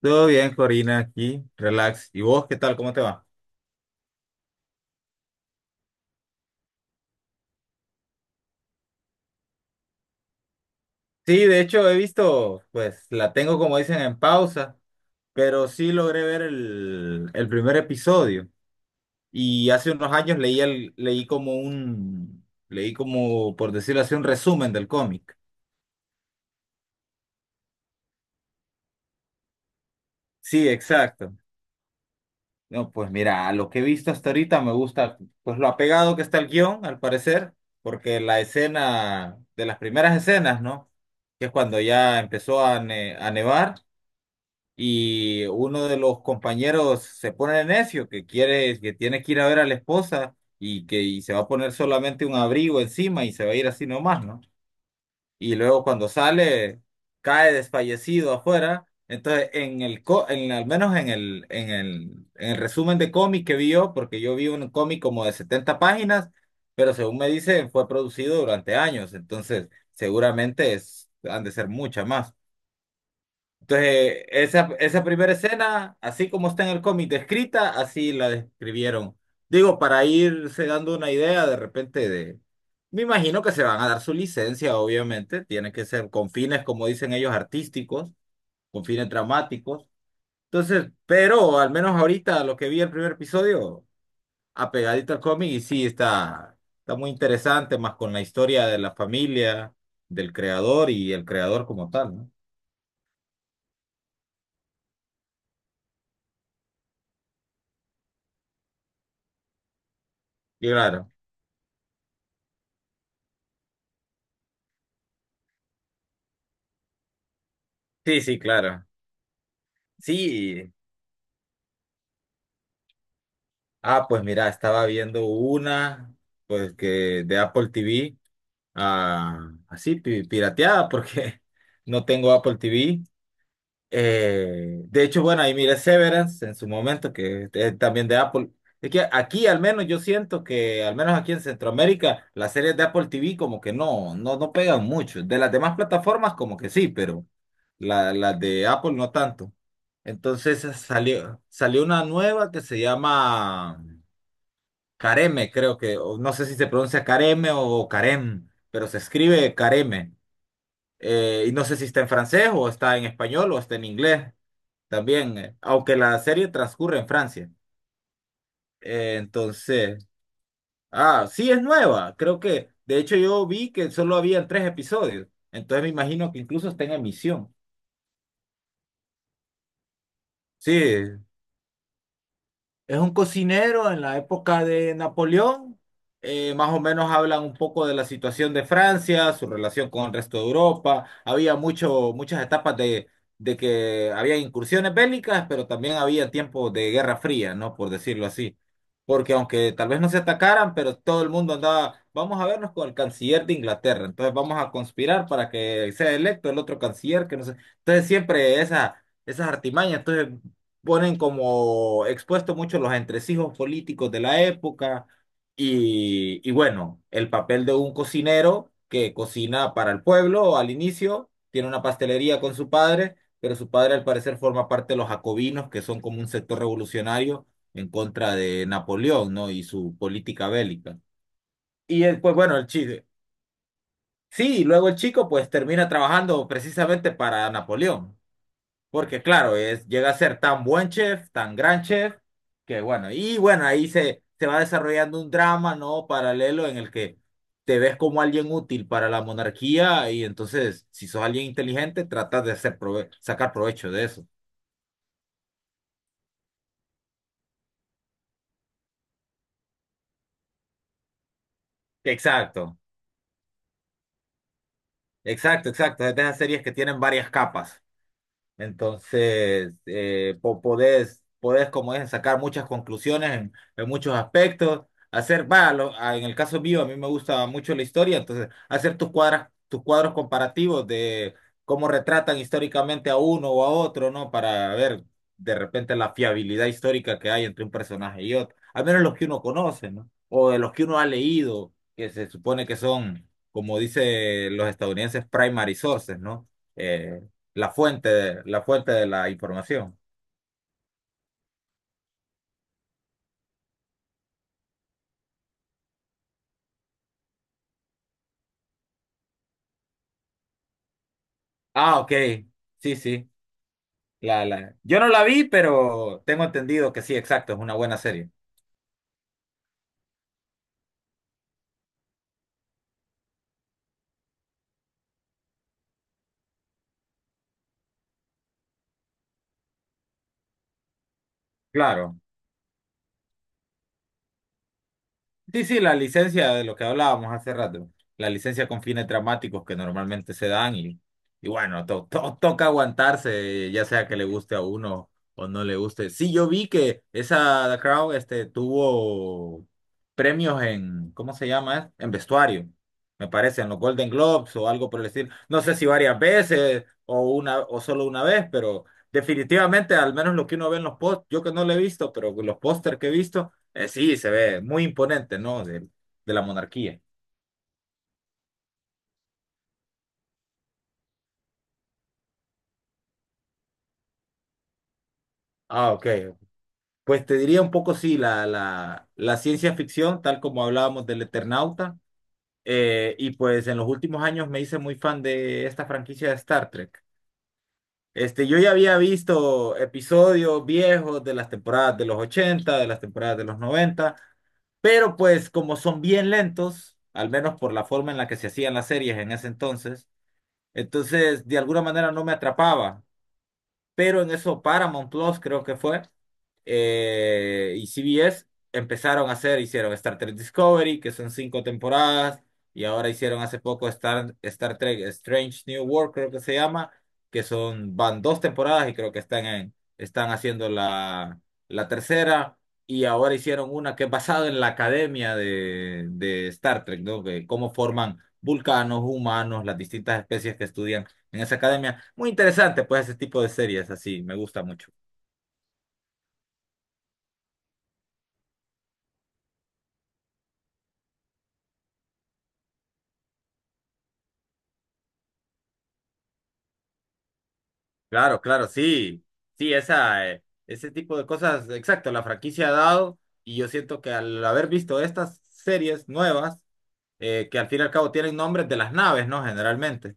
Todo bien, Corina, aquí, relax. ¿Y vos qué tal? ¿Cómo te va? Sí, de hecho he visto, pues la tengo como dicen en pausa, pero sí logré ver el primer episodio. Y hace unos años leí el, leí como un, leí como, por decirlo así, un resumen del cómic. Sí, exacto. No, pues mira, a lo que he visto hasta ahorita me gusta, pues lo apegado que está el guión, al parecer, porque de las primeras escenas, ¿no? Que es cuando ya empezó a nevar. Y uno de los compañeros se pone necio, que tiene que ir a ver a la esposa y que se va a poner solamente un abrigo encima y se va a ir así nomás, ¿no? Y luego cuando sale, cae desfallecido afuera. Entonces, en el co- en, al menos en el resumen de cómic que vio, porque yo vi un cómic como de 70 páginas, pero según me dicen, fue producido durante años, entonces seguramente es, han de ser muchas más. Entonces, esa primera escena, así como está en el cómic descrita, así la describieron. Digo, para irse dando una idea de repente de... Me imagino que se van a dar su licencia, obviamente. Tiene que ser con fines, como dicen ellos, artísticos, con fines dramáticos. Entonces, pero al menos ahorita lo que vi el primer episodio, apegadito al cómic, y sí, está muy interesante, más con la historia de la familia, del creador y el creador como tal, ¿no? Y claro. Sí, sí, claro. Sí, pues mira, estaba viendo una, pues que de Apple TV, así, pirateada, porque no tengo Apple TV. De hecho, bueno, ahí miré Severance en su momento, que es también de Apple. Es que aquí al menos yo siento que, al menos aquí en Centroamérica, las series de Apple TV como que no pegan mucho. De las demás plataformas como que sí, pero las de Apple no tanto. Entonces salió una nueva que se llama Careme, creo que, o no sé si se pronuncia Careme o Carem, pero se escribe Careme. Y no sé si está en francés o está en español o está en inglés. También, aunque la serie transcurre en Francia. Entonces, sí es nueva. Creo que, de hecho, yo vi que solo habían tres episodios. Entonces me imagino que incluso está en emisión. Sí, es un cocinero en la época de Napoleón. Más o menos hablan un poco de la situación de Francia, su relación con el resto de Europa. Había muchas etapas de que había incursiones bélicas, pero también había tiempos de guerra fría, ¿no? Por decirlo así. Porque aunque tal vez no se atacaran, pero todo el mundo andaba, vamos a vernos con el canciller de Inglaterra. Entonces vamos a conspirar para que sea electo el otro canciller, que no sé. Entonces siempre esas artimañas. Entonces ponen como expuesto mucho los entresijos políticos de la época y bueno, el papel de un cocinero que cocina para el pueblo al inicio, tiene una pastelería con su padre, pero su padre al parecer forma parte de los jacobinos, que son como un sector revolucionario en contra de Napoleón, ¿no? Y su política bélica. Pues bueno, el chico, sí, y luego el chico pues termina trabajando precisamente para Napoleón. Porque claro, es, llega a ser tan buen chef, tan gran chef, que bueno, y bueno, ahí se va desarrollando un drama, ¿no? Paralelo en el que te ves como alguien útil para la monarquía y entonces, si sos alguien inteligente, tratas de hacer sacar provecho de eso. Exacto, exacto, exacto. Es de esas series que tienen varias capas. Entonces, podés, como es, sacar muchas conclusiones en muchos aspectos, hacer, va, en el caso mío, a mí me gusta mucho la historia, entonces, hacer tus cuadros comparativos de cómo retratan históricamente a uno o a otro, ¿no? Para ver de repente la fiabilidad histórica que hay entre un personaje y otro, al menos los que uno conoce, ¿no? O de los que uno ha leído, que se supone que son, como dicen los estadounidenses, primary sources, ¿no? Eh, la fuente de la información. Ah, ok. Sí, sí. Yo no la vi, pero tengo entendido que sí, exacto, es una buena serie. Claro. Sí, sí, la licencia de lo que hablábamos hace rato, la licencia con fines dramáticos que normalmente se dan y bueno, toca aguantarse, ya sea que le guste a uno o no le guste. Sí, yo vi que esa The Crown este, tuvo premios en, ¿cómo se llama? En vestuario, me parece, en los Golden Globes o algo por el estilo. No sé si varias veces o una o solo una vez, pero definitivamente, al menos lo que uno ve en los posts, yo que no lo he visto, pero los póster que he visto. Sí, se ve muy imponente, ¿no? De la monarquía. Ah, ok. Pues te diría un poco, sí, la ciencia ficción, tal como hablábamos del Eternauta. Y pues en los últimos años me hice muy fan de esta franquicia de Star Trek. Este, yo ya había visto episodios viejos de las temporadas de los 80, de las temporadas de los 90, pero pues como son bien lentos, al menos por la forma en la que se hacían las series en ese entonces, entonces de alguna manera no me atrapaba. Pero en eso Paramount Plus creo que fue, y CBS empezaron a hacer, hicieron Star Trek Discovery, que son cinco temporadas, y ahora hicieron hace poco Star Trek Strange New World, creo que se llama, que son, van dos temporadas y creo que están haciendo la tercera, y ahora hicieron una que es basada en la academia de Star Trek, ¿no? Que cómo forman vulcanos, humanos, las distintas especies que estudian en esa academia. Muy interesante, pues, ese tipo de series así, me gusta mucho. Claro, claro, sí, sí, ese tipo de cosas, exacto, la franquicia ha dado y yo siento que al haber visto estas series nuevas, que al fin y al cabo tienen nombres de las naves, ¿no? Generalmente.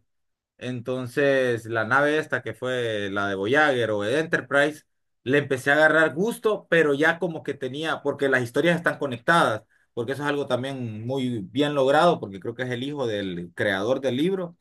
Entonces, la nave esta que fue la de Voyager o de Enterprise, le empecé a agarrar gusto, pero ya como que tenía, porque las historias están conectadas porque eso es algo también muy bien logrado, porque creo que es el hijo del creador del libro.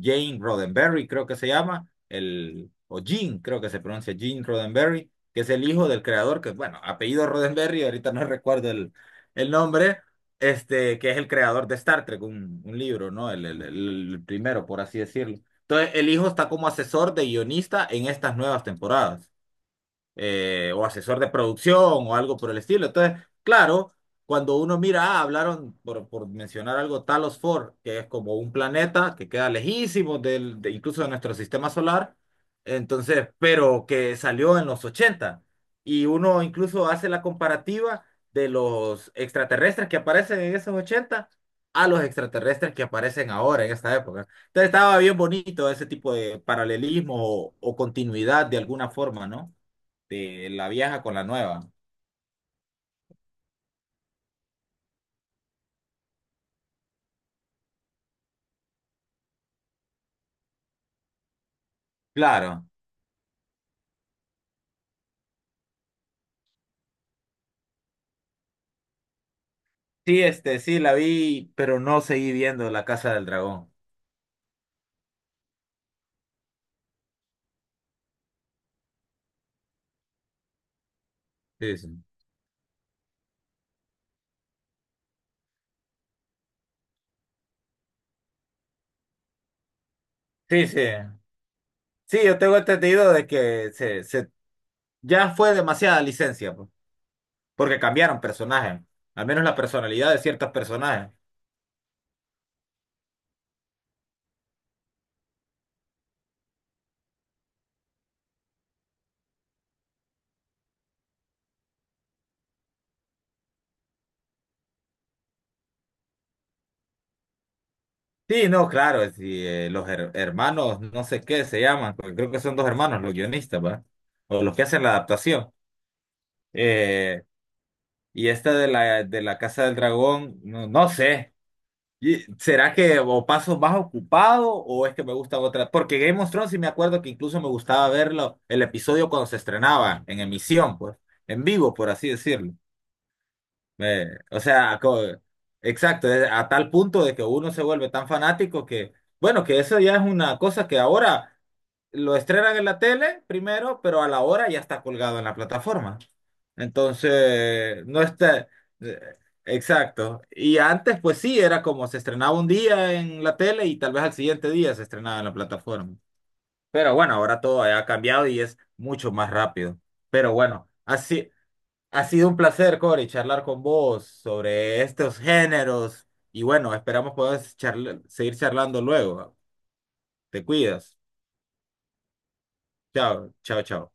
Jane Roddenberry, creo que se llama, el, o Gene, creo que se pronuncia Gene Roddenberry, que es el hijo del creador, que bueno, apellido Roddenberry, ahorita no recuerdo el nombre, este, que es el creador de Star Trek, un libro, ¿no? El primero, por así decirlo. Entonces, el hijo está como asesor de guionista en estas nuevas temporadas o asesor de producción o algo por el estilo. Entonces, claro, cuando uno mira, ah, hablaron, por mencionar algo, Talos Ford, que es como un planeta que queda lejísimo incluso de nuestro sistema solar, entonces, pero que salió en los ochenta. Y uno incluso hace la comparativa de los extraterrestres que aparecen en esos 80 a los extraterrestres que aparecen ahora en esta época. Entonces estaba bien bonito ese tipo de paralelismo o continuidad de alguna forma, ¿no? De la vieja con la nueva. Claro. Sí, este, sí, la vi, pero no seguí viendo La Casa del Dragón. Sí, sí. Sí, sí. Sí, yo tengo entendido de que se ya fue demasiada licencia, pues, porque cambiaron personajes, al menos la personalidad de ciertos personajes. Sí, no, claro, sí, los her- hermanos, no sé qué se llaman, porque creo que son dos hermanos, los guionistas, ¿va? O los que hacen la adaptación. Eh, y esta de la Casa del Dragón, no sé. ¿Y será que o paso más ocupado o es que me gusta otra? Porque Game of Thrones sí me acuerdo que incluso me gustaba verlo el episodio cuando se estrenaba en emisión, pues, en vivo, por así decirlo. Me- o sea, co- exacto, a tal punto de que uno se vuelve tan fanático que, bueno, que eso ya es una cosa que ahora lo estrenan en la tele primero, pero a la hora ya está colgado en la plataforma. Entonces, no está... eh, Exacto. Y antes, pues sí, era como se estrenaba un día en la tele y tal vez al siguiente día se estrenaba en la plataforma. Pero bueno, ahora todo ha cambiado y es mucho más rápido. Pero bueno, así, ha sido un placer, Cory, charlar con vos sobre estos géneros. Y bueno, esperamos poder seguir charlando luego. Te cuidas. Chao, chao, chao.